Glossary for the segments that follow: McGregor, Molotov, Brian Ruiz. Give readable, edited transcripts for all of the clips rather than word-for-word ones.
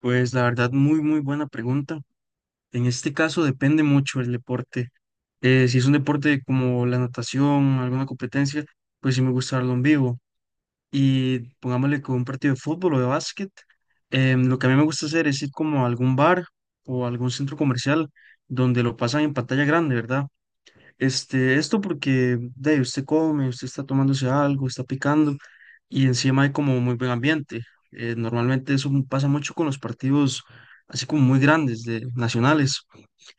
Pues la verdad, muy, muy buena pregunta. En este caso depende mucho el deporte. Si es un deporte como la natación, alguna competencia, pues sí me gusta verlo en vivo. Y pongámosle con un partido de fútbol o de básquet, lo que a mí me gusta hacer es ir como a algún bar o algún centro comercial donde lo pasan en pantalla grande, ¿verdad? Esto porque de ahí, usted come, usted está tomándose algo, está picando y encima hay como muy buen ambiente. Normalmente eso pasa mucho con los partidos así como muy grandes de nacionales.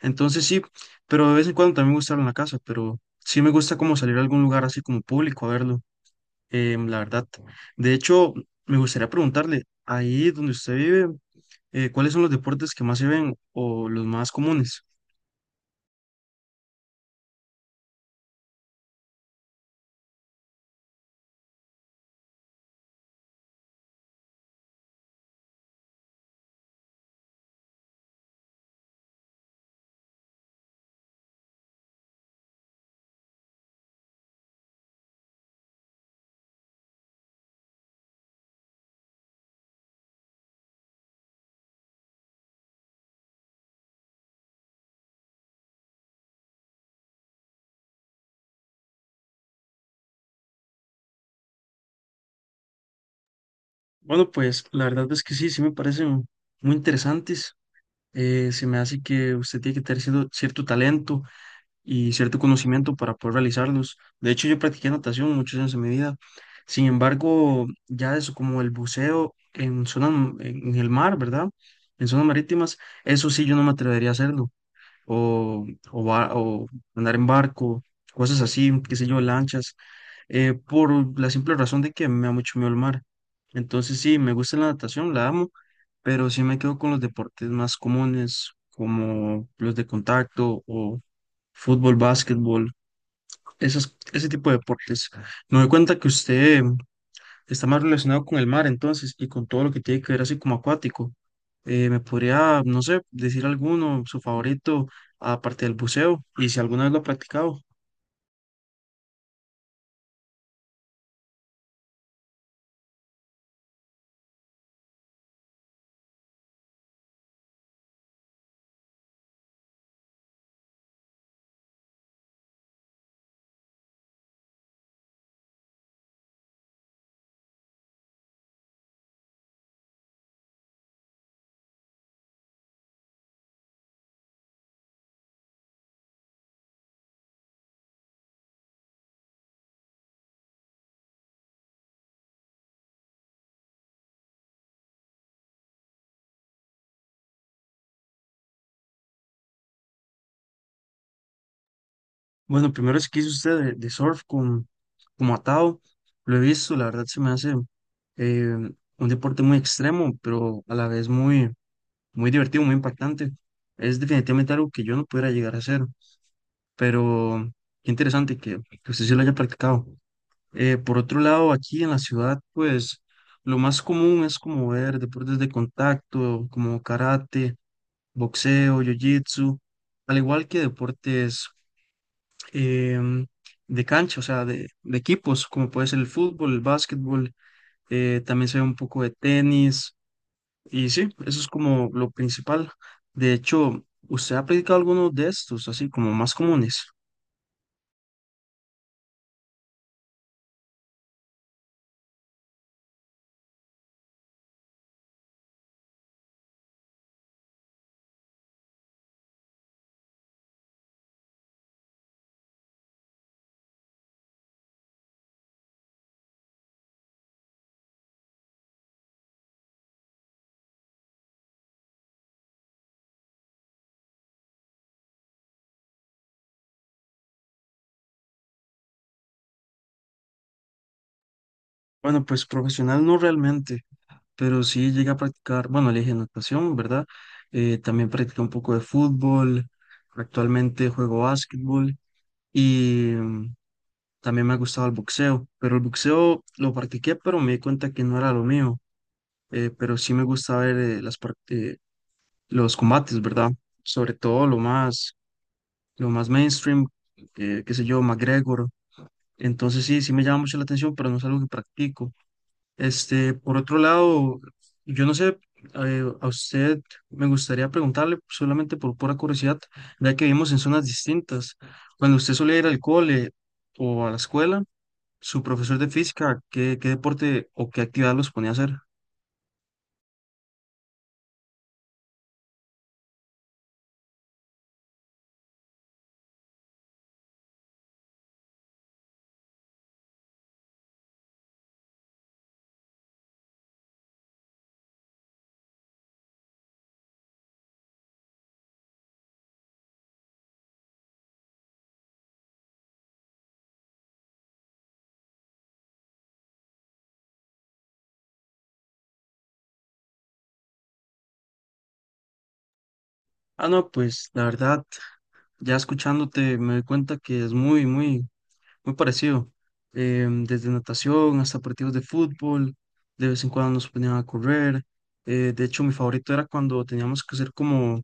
Entonces sí, pero de vez en cuando también me gusta verlo en la casa, pero sí me gusta como salir a algún lugar así como público a verlo, la verdad. De hecho, me gustaría preguntarle, ahí donde usted vive, ¿cuáles son los deportes que más se ven o los más comunes? Bueno, pues la verdad es que sí, sí me parecen muy interesantes. Se me hace que usted tiene que tener cierto, cierto talento y cierto conocimiento para poder realizarlos. De hecho, yo practiqué natación muchos años de mi vida. Sin embargo, ya eso como el buceo en zonas, en el mar, ¿verdad? En zonas marítimas, eso sí yo no me atrevería a hacerlo. O, o, o andar en barco, cosas así, qué sé yo, lanchas por la simple razón de que me da mucho miedo el mar. Entonces sí, me gusta la natación, la amo, pero sí me quedo con los deportes más comunes, como los de contacto o fútbol, básquetbol, esas, ese tipo de deportes. Me doy cuenta que usted está más relacionado con el mar entonces y con todo lo que tiene que ver así como acuático. ¿Me podría, no sé, decir alguno, su favorito, aparte del buceo, y si alguna vez lo ha practicado? Bueno, primero es que hizo usted de surf con, como atado. Lo he visto, la verdad se me hace eh, un deporte muy extremo, pero a la vez muy, muy divertido, muy impactante. Es definitivamente algo que yo no pudiera llegar a hacer, pero qué interesante que usted sí lo haya practicado. Por otro lado, aquí en la ciudad, pues lo más común es como ver deportes de contacto, como karate, boxeo, jiu-jitsu, al igual que deportes em, de cancha, o sea, de equipos, como puede ser el fútbol, el básquetbol, también se ve un poco de tenis, y sí, eso es como lo principal. De hecho, ¿usted ha practicado alguno de estos, así como más comunes? Bueno, pues profesional no realmente, pero sí llegué a practicar, bueno, le dije natación, ¿verdad? También practiqué un poco de fútbol, actualmente juego básquetbol y también me ha gustado el boxeo, pero el boxeo lo practiqué, pero me di cuenta que no era lo mío pero sí me gusta ver los combates, ¿verdad? Sobre todo lo más mainstream, qué sé yo, McGregor. Entonces sí, sí me llama mucho la atención, pero no es algo que practico. Por otro lado, yo no sé, a usted me gustaría preguntarle solamente por pura curiosidad, ya que vivimos en zonas distintas. Cuando usted solía ir al cole o a la escuela, su profesor de física, ¿qué, qué deporte o qué actividad los ponía a hacer? Ah, no, pues la verdad. Ya escuchándote me doy cuenta que es muy, muy, muy parecido. Desde natación hasta partidos de fútbol, de vez en cuando nos ponían a correr. De hecho, mi favorito era cuando teníamos que hacer como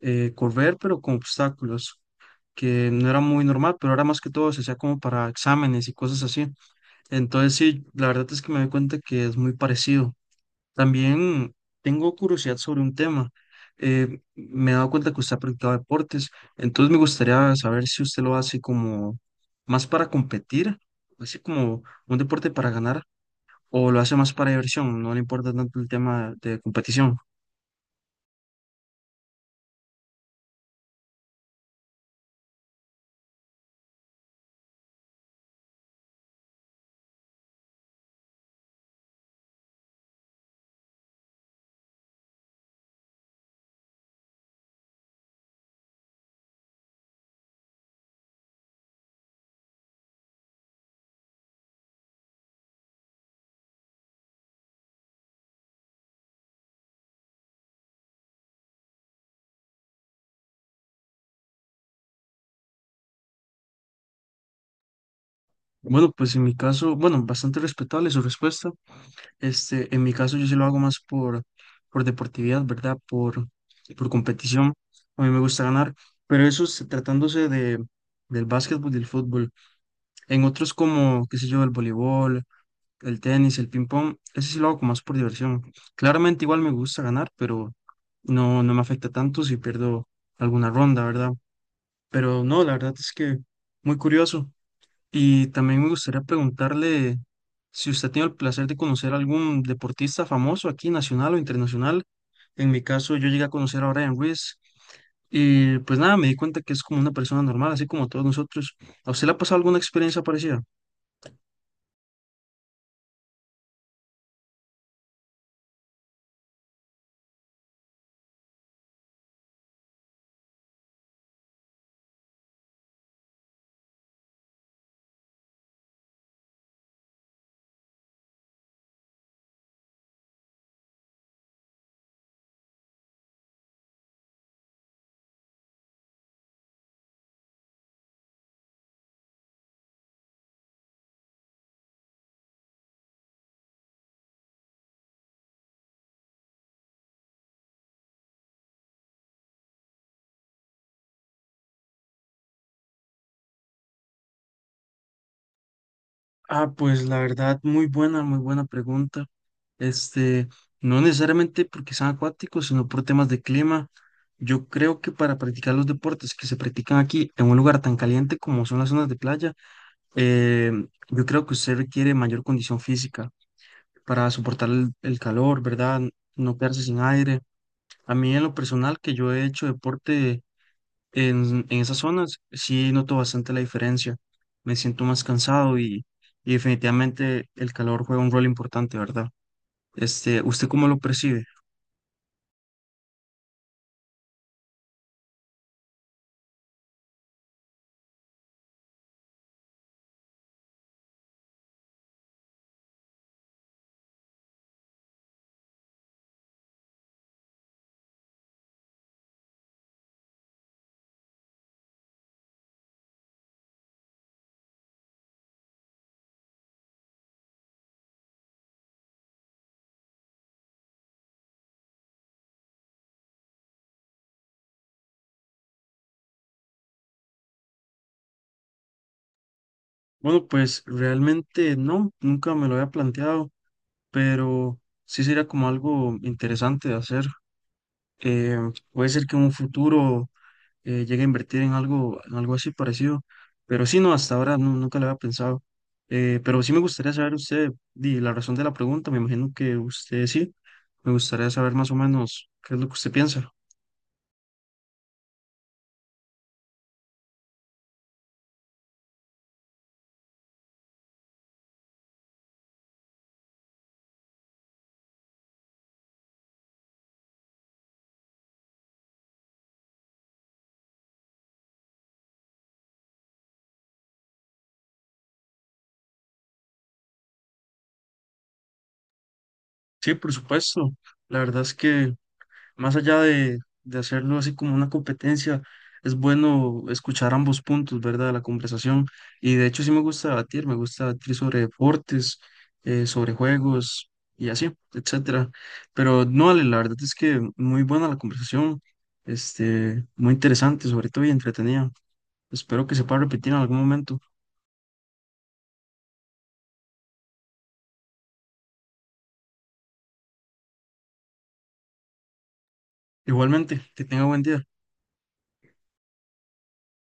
correr, pero con obstáculos, que no era muy normal, pero ahora más que todo se hacía como para exámenes y cosas así. Entonces, sí, la verdad es que me doy cuenta que es muy parecido. También tengo curiosidad sobre un tema. Me he dado cuenta que usted ha practicado deportes, entonces me gustaría saber si usted lo hace como más para competir, así como un deporte para ganar, o lo hace más para diversión, no le importa tanto el tema de competición. Bueno, pues en mi caso, bueno, bastante respetable su respuesta. En mi caso yo sí lo hago más por deportividad, ¿verdad? Por competición. A mí me gusta ganar, pero eso es tratándose de, del básquetbol y del fútbol. En otros como, qué sé yo, el voleibol, el tenis, el ping pong, ese sí lo hago como más por diversión. Claramente igual me gusta ganar, pero no, no me afecta tanto si pierdo alguna ronda, ¿verdad? Pero no, la verdad es que muy curioso. Y también me gustaría preguntarle si usted tiene el placer de conocer algún deportista famoso aquí, nacional o internacional. En mi caso, yo llegué a conocer a Brian Ruiz. Y pues nada, me di cuenta que es como una persona normal, así como todos nosotros. ¿A usted le ha pasado alguna experiencia parecida? Ah, pues la verdad, muy buena pregunta. Este, no necesariamente porque sean acuáticos, sino por temas de clima. Yo creo que para practicar los deportes que se practican aquí en un lugar tan caliente como son las zonas de playa, eh, yo creo que usted requiere mayor condición física para soportar el calor, ¿verdad? No quedarse sin aire. A mí en lo personal, que yo he hecho deporte en esas zonas sí noto bastante la diferencia. Me siento más cansado y definitivamente el calor juega un rol importante, ¿verdad? ¿Usted cómo lo percibe? Bueno, pues realmente no, nunca me lo había planteado, pero sí sería como algo interesante de hacer. Eh, puede ser que en un futuro llegue a invertir en algo así parecido. Pero sí, no, hasta ahora nunca lo había pensado. Pero sí me gustaría saber usted, di, la razón de la pregunta, me imagino que usted sí, me gustaría saber más o menos qué es lo que usted piensa. Sí, por supuesto. La verdad es que más allá de hacerlo así como una competencia, es bueno escuchar ambos puntos, ¿verdad? De la conversación. Y de hecho sí me gusta debatir sobre deportes, sobre juegos y así, etcétera. Pero no, Ale, la verdad es que muy buena la conversación, muy interesante, sobre todo y entretenida. Espero que se pueda repetir en algún momento. Igualmente, que tenga buen día.